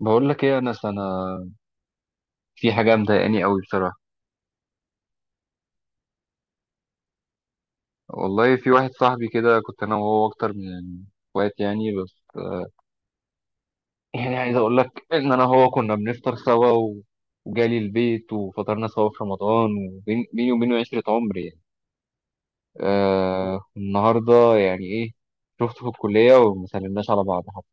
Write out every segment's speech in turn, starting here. بقول لك ايه، انا في حاجه مضايقاني قوي بصراحه. والله في واحد صاحبي كده، كنت انا وهو اكتر من اخوات يعني بس يعني عايز اقول لك ان انا هو كنا بنفطر سوا وجالي البيت وفطرنا سوا في رمضان، وبيني وبينه عشرة عمر يعني. النهارده يعني ايه، شفته في الكليه وما سلمناش على بعض حتى.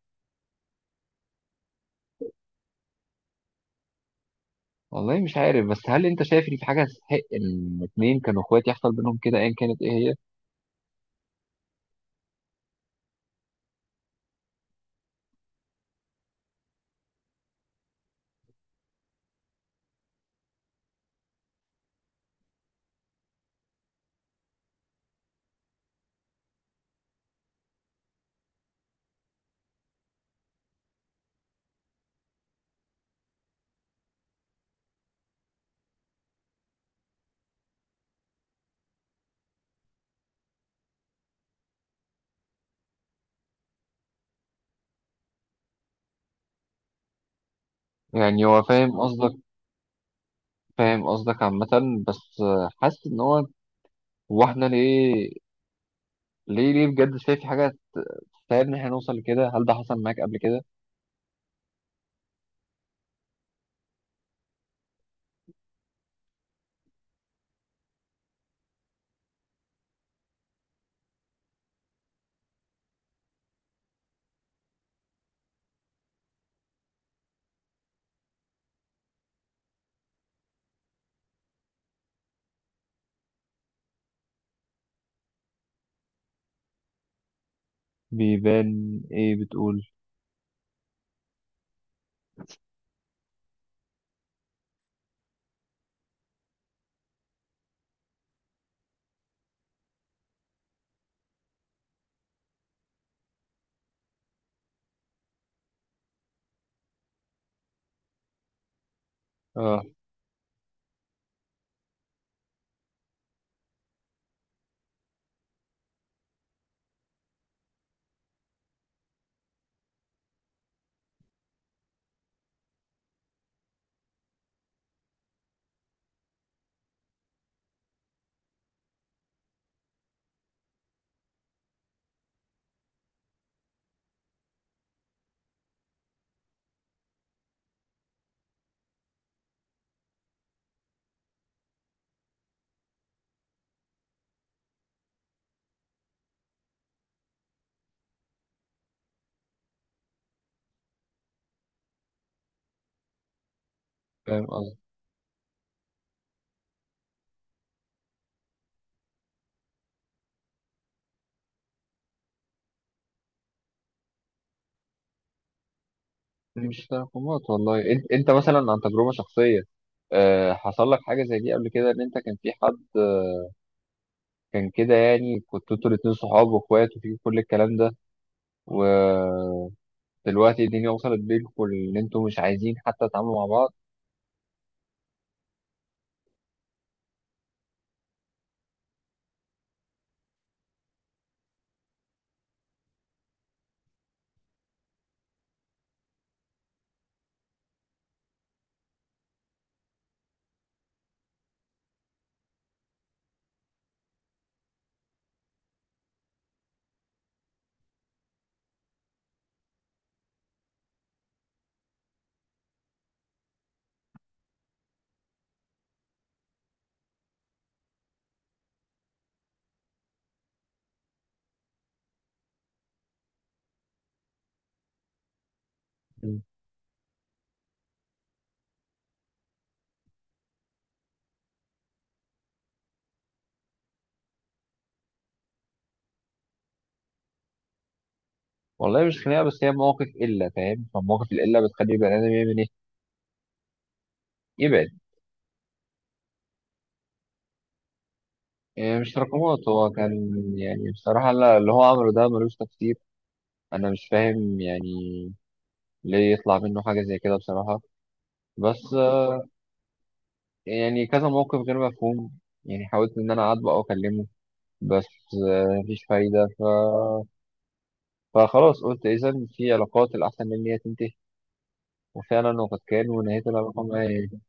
والله مش عارف، بس هل انت شايف ان في حاجه تستحق ان اتنين كانوا اخوات يحصل بينهم كده ايا كانت ايه هي؟ يعني هو فاهم قصدك عامة، بس حاسس ان هو احنا ليه، ليه بجد شايف في حاجة تستاهل ان احنا نوصل لكده؟ هل ده حصل معاك قبل كده؟ بيبان ايه بتقول؟ اه فاهم قصدك. مش تراكمات والله. انت مثلا، عن تجربة شخصية حصل لك حاجة زي دي قبل كده؟ ان انت كان في حد كان كده يعني، كنتوا انتوا الاتنين صحاب واخوات وفي كل الكلام ده، ودلوقتي الدنيا وصلت بينكم ان انتوا مش عايزين حتى تتعاملوا مع بعض؟ والله مش خناقه، بس هي مواقف قله، فاهم؟ فمواقف القله بتخلي البني ادم يعمل ايه؟ يبعد. إيه مش تراكمات، هو كان يعني بصراحه اللي هو عمله ده ملوش تفسير. انا مش فاهم يعني ليه يطلع منه حاجه زي كده بصراحه. بس يعني كذا موقف غير مفهوم. يعني حاولت ان انا اعاتبه او اكلمه، بس مفيش فايده. فخلاص قلت اذا في علاقات الاحسن ان هي تنتهي، وفعلا وقد كان، ونهيت العلاقه معاه يعني.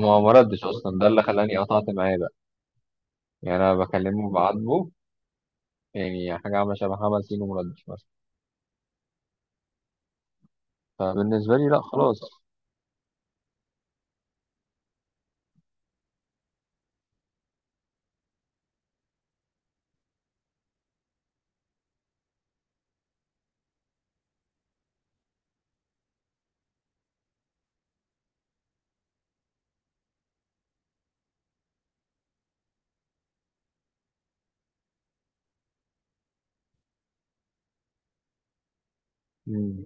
ما ردش اصلا، ده اللي خلاني قطعت معاه بقى. يعني انا بكلمه بعاتبه يعني حاجة عاملة شبه حمل سين، ومردش مثلا. فبالنسبة لي لا خلاص. مم.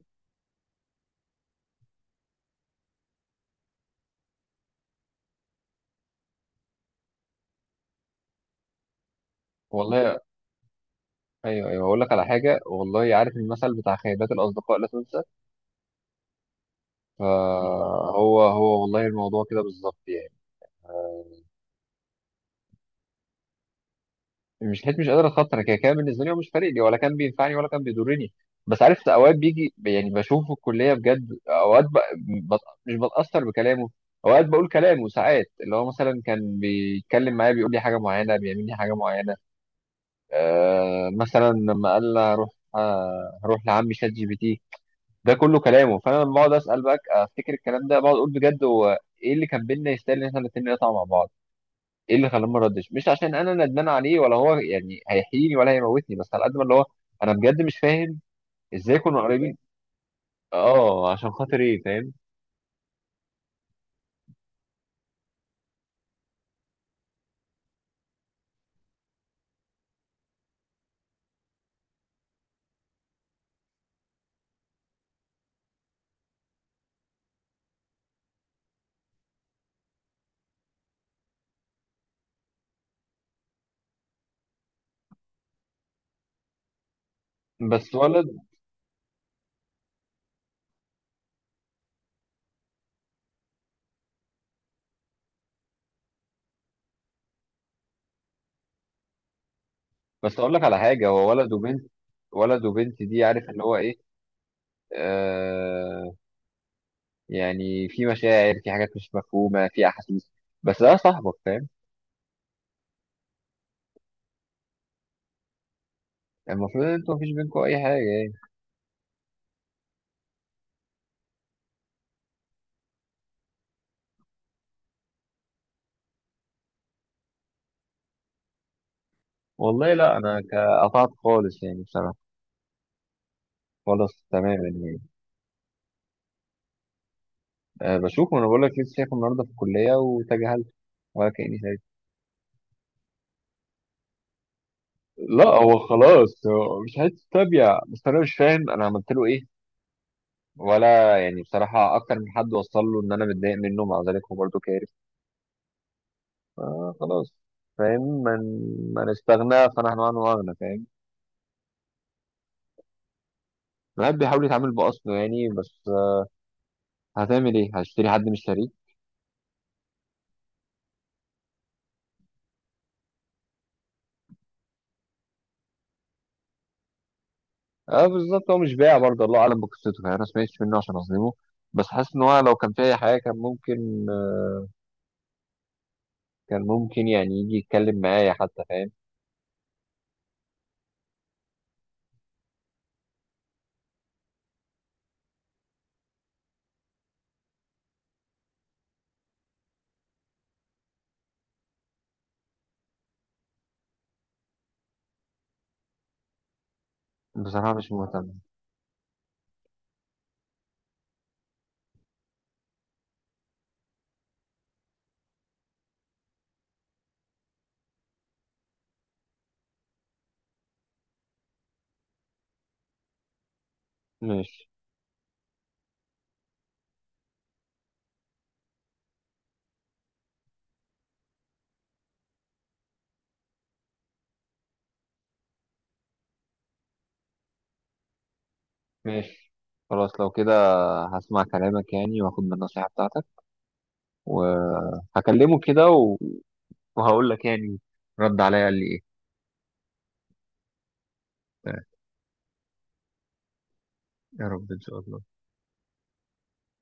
والله أيوه، أيوه، أقول لك على حاجة. والله عارف المثل بتاع خيبات الأصدقاء لا تنسى؟ فهو والله الموضوع كده بالظبط يعني. مش قادر أتخطى، كده كده بالنسبة لي هو مش فارق لي ولا كان بينفعني ولا كان بيضرني. بس عارف أوقات بيجي يعني بشوفه في الكلية بجد، أوقات ب... بت... مش بتأثر بكلامه. أوقات بقول كلامه ساعات، اللي هو مثلا كان بيتكلم معايا بيقول لي حاجة معينة، بيعمل لي حاجة معينة. آه مثلا لما قال لي هروح لعمي شات جي بي تي، ده كله كلامه. فانا لما بقعد اسال بقى افتكر الكلام ده، بقعد اقول بجد هو ايه اللي كان بينا يستاهل ان احنا الاثنين نقطع مع بعض؟ ايه اللي خلاني ما ردش؟ مش عشان انا ندمان عليه، ولا هو يعني هيحييني ولا هيموتني، بس على قد ما اللي هو انا بجد مش فاهم ازاي كنا قريبين. اه عشان خاطر ايه، فاهم؟ بس ولد بس اقول لك على حاجه، هو ولد وبنت. ولد وبنت، دي عارف اللي هو ايه. آه يعني في مشاعر، في حاجات مش مفهومة، في أحاسيس. بس ده صاحبك، فاهم؟ المفروض إن أنتوا مفيش بينكوا أي حاجة يعني. والله لا، أنا قطعت خالص يعني بصراحة، خالص تماما يعني. أه بشوفه. أنا بقول لك لسه شايفه النهاردة في الكلية، وتجاهلت ولا كأني شايف. لا هو خلاص هو مش عايز تتابع، بس أنا مش فاهم أنا عملت له إيه؟ ولا يعني بصراحة، أكتر من حد وصل له إن أنا متضايق منه، مع ذلك هو برضه كارف. آه خلاص فاهم. من استغنى فنحن عنه أغنى، فاهم؟ الواحد بيحاول يتعامل بأصله يعني، بس هتعمل ايه؟ هشتري حد مش شاريه؟ اه بالظبط. هو مش بايع برضه، الله اعلم بقصته يعني، انا ما سمعتش منه عشان اظلمه. بس حاسس ان هو لو كان في اي حاجه كان ممكن، كان ممكن يعني يجي يتكلم معايا حتى، فاهم؟ بصراحه مش مهتم. ماشي. ماشي خلاص لو كده. هسمع كلامك يعني، واخد من النصيحه بتاعتك، وهكلمه كده وهقول لك يعني رد عليا قال لي ايه. يا رب ان شاء الله.